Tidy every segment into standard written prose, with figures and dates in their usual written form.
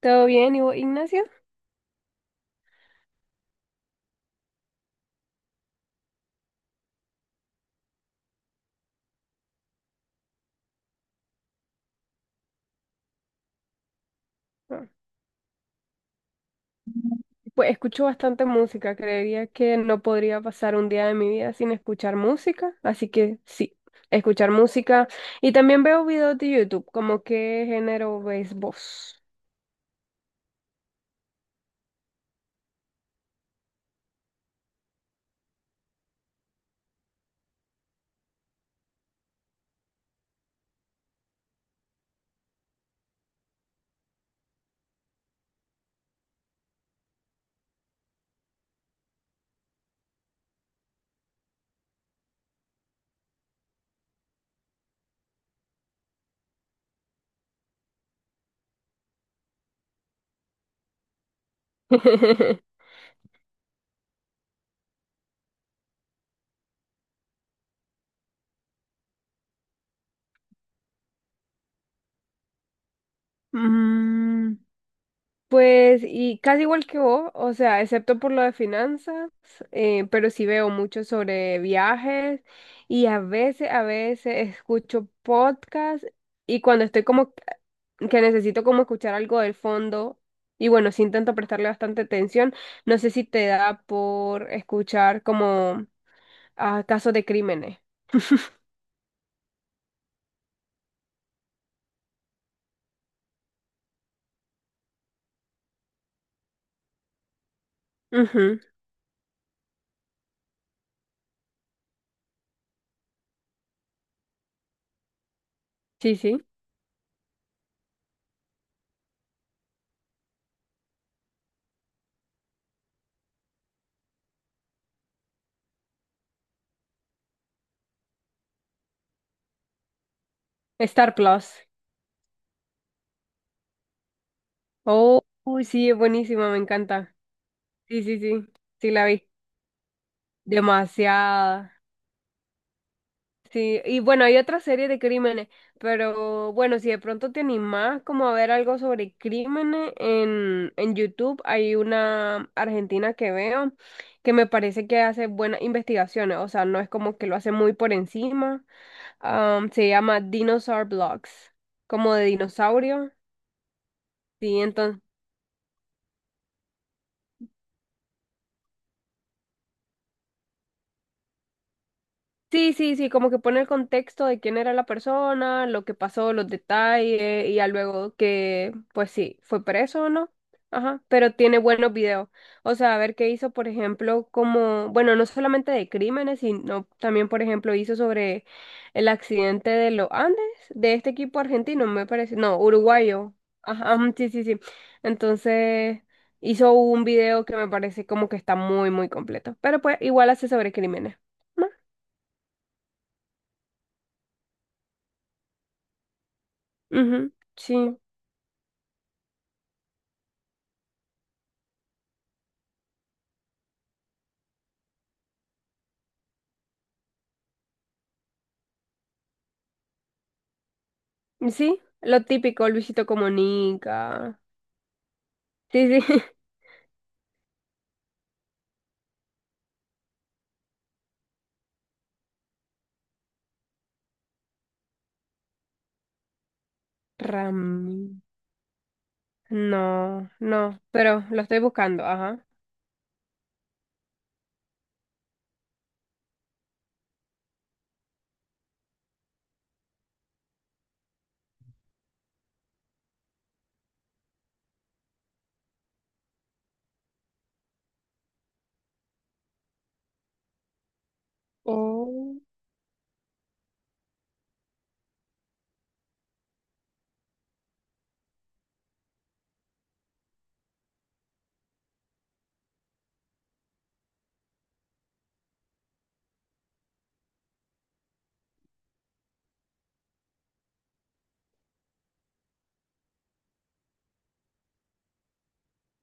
¿Todo bien? ¿Y vos, Ignacio? Ah, pues escucho bastante música. Creería que no podría pasar un día de mi vida sin escuchar música. Así que sí, escuchar música. Y también veo videos de YouTube, ¿como qué género ves vos? Mm, pues, y casi igual que vos, o sea, excepto por lo de finanzas, pero sí veo mucho sobre viajes y a veces escucho podcasts y cuando estoy como que necesito como escuchar algo del fondo. Y bueno, sí intento prestarle bastante atención. No sé si te da por escuchar como, ah, casos de crímenes. Ujú. Sí, sí. Star Plus. Oh, uy, sí, es buenísima, me encanta. Sí, sí, sí. Sí, la vi. Demasiada. Sí, y bueno, hay otra serie de crímenes, pero bueno, si de pronto te animás como a ver algo sobre crímenes en YouTube, hay una argentina que veo que me parece que hace buenas investigaciones, o sea, no es como que lo hace muy por encima. Am, se llama Dinosaur Blogs, como de dinosaurio, sí, entonces... Sí, sí, sí, como que pone el contexto de quién era la persona, lo que pasó, los detalles, y ya luego que, pues sí, fue preso o no. Ajá, pero tiene buenos videos. O sea, a ver qué hizo, por ejemplo, como, bueno, no solamente de crímenes, sino también, por ejemplo, hizo sobre el accidente de los Andes, de este equipo argentino, me parece, no, uruguayo. Ajá, ajá, sí, sí, sí. Entonces, hizo un video que me parece como que está muy, muy completo. Pero pues, igual hace sobre crímenes. Ujú. Sí, sí, lo típico, Luisito Comunica. Sí, sí. Rami. No, no, pero lo estoy buscando, ajá. Oh,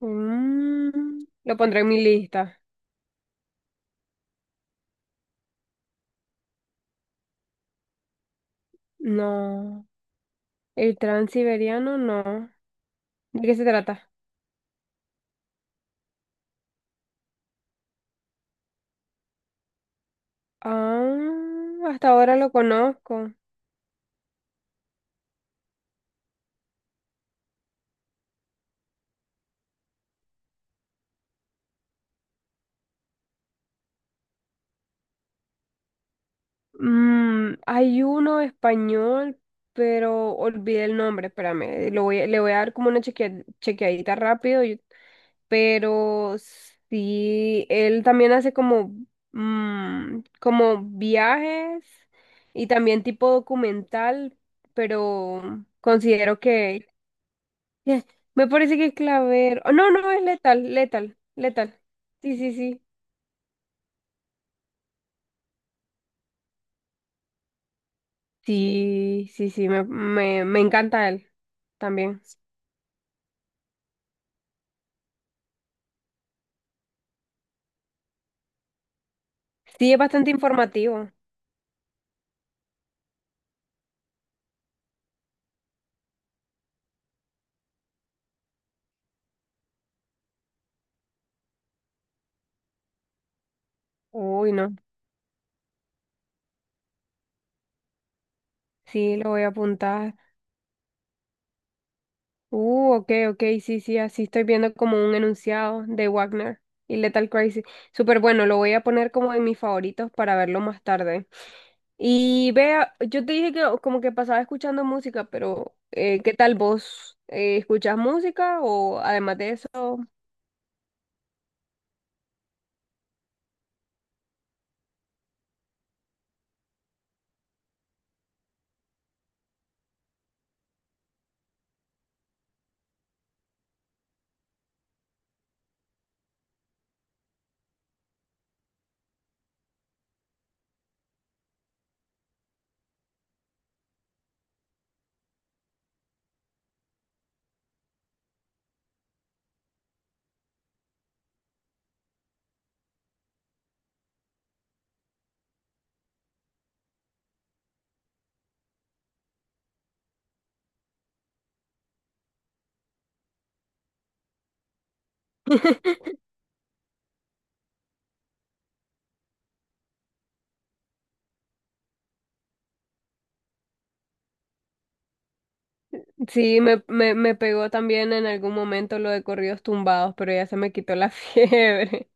mm, lo pondré en mi lista. No, el transiberiano no. ¿De qué se trata? Ah, hasta ahora lo conozco. Mm, hay uno español, pero olvidé el nombre, espérame. Lo voy, a- le voy a dar como una chequea- chequeadita rápido. Pero sí, él también hace como, mm, como viajes y también tipo documental, pero considero que- me parece que Claver, oh, no, no, es Letal, Letal, Letal, sí, sí, sí, sí, sí, sí, me encanta él también. Sí, es bastante informativo. Uy, no, sí, lo voy a apuntar. Ok, ok, sí, sí, así estoy viendo como un enunciado de Wagner y Lethal Crazy. Súper bueno, lo voy a poner como en mis favoritos para verlo más tarde. Y vea, yo te dije que o- como que pasaba escuchando música, pero ¿qué tal vos? ¿Escuchas música o además de eso? Sí, me pegó también en algún momento lo de corridos tumbados, pero ya se me quitó la fiebre.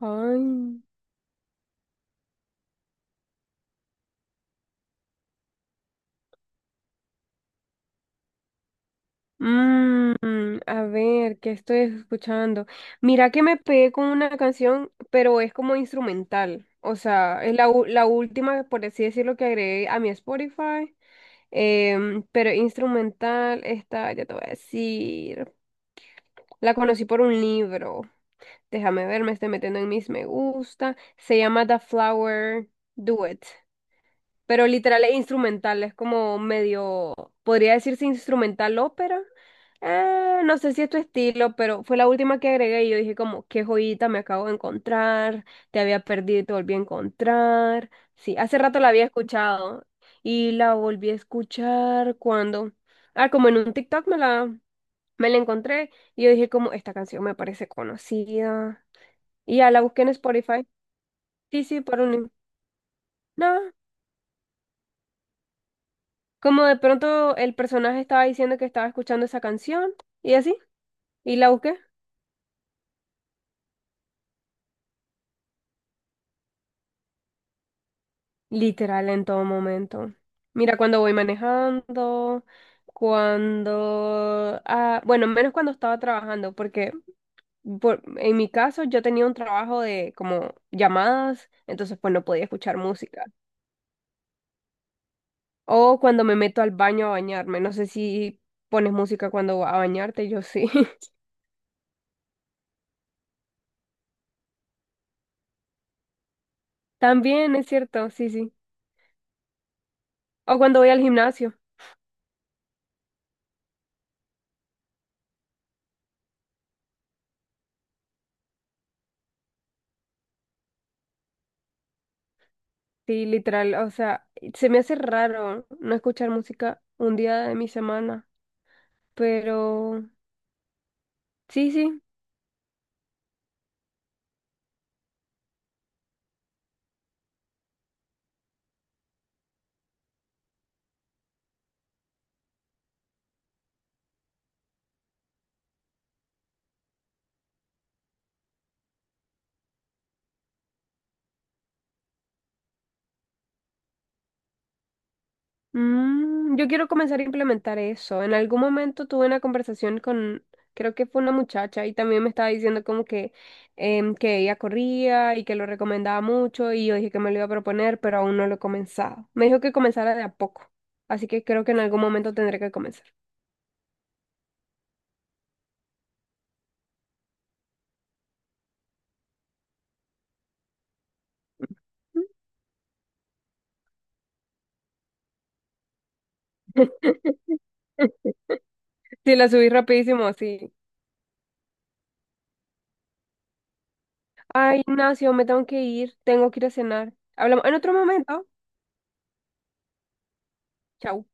Ay. Mm, a ver, ¿qué estoy escuchando? Mira que me pegué con una canción, pero es como instrumental. O sea, es la, u- la última, por así decirlo, que agregué a mi Spotify. Pero instrumental, esta, ya te voy a decir. La conocí por un libro. Déjame ver, me estoy metiendo en mis me gusta. Se llama The Flower Duet, pero literal es instrumental, es como medio, podría decirse instrumental ópera. No sé si es tu estilo, pero fue la última que agregué y yo dije como, qué joyita me acabo de encontrar, te había perdido y te volví a encontrar. Sí, hace rato la había escuchado y la volví a escuchar cuando, ah, como en un TikTok me la encontré y yo dije como, esta canción me parece conocida. Y ya la busqué en Spotify. Sí, sí, por un... link. Como de pronto el personaje estaba diciendo que estaba escuchando esa canción y así, y la busqué. Literal en todo momento. Mira, cuando voy manejando, cuando... ah, bueno, menos cuando estaba trabajando, porque por- en mi caso yo tenía un trabajo de como llamadas, entonces pues no podía escuchar música. O cuando me meto al baño a bañarme, no sé si pones música cuando vas a bañarte, yo sí. También es cierto, sí, sí. O cuando voy al gimnasio. Sí, literal, o sea, se me hace raro no escuchar música un día de mi semana, pero sí, sí, mm, yo quiero comenzar a implementar eso. En algún momento tuve una conversación con, creo que fue una muchacha y también me estaba diciendo como que, que ella corría y que lo recomendaba mucho y yo dije que me lo iba a proponer, pero aún no lo he comenzado. Me dijo que comenzara de a poco, así que creo que en algún momento tendré que comenzar. Sí, la subí rapidísimo, sí. Ay, Ignacio, me tengo que ir a cenar. Hablamos en otro momento. Chau.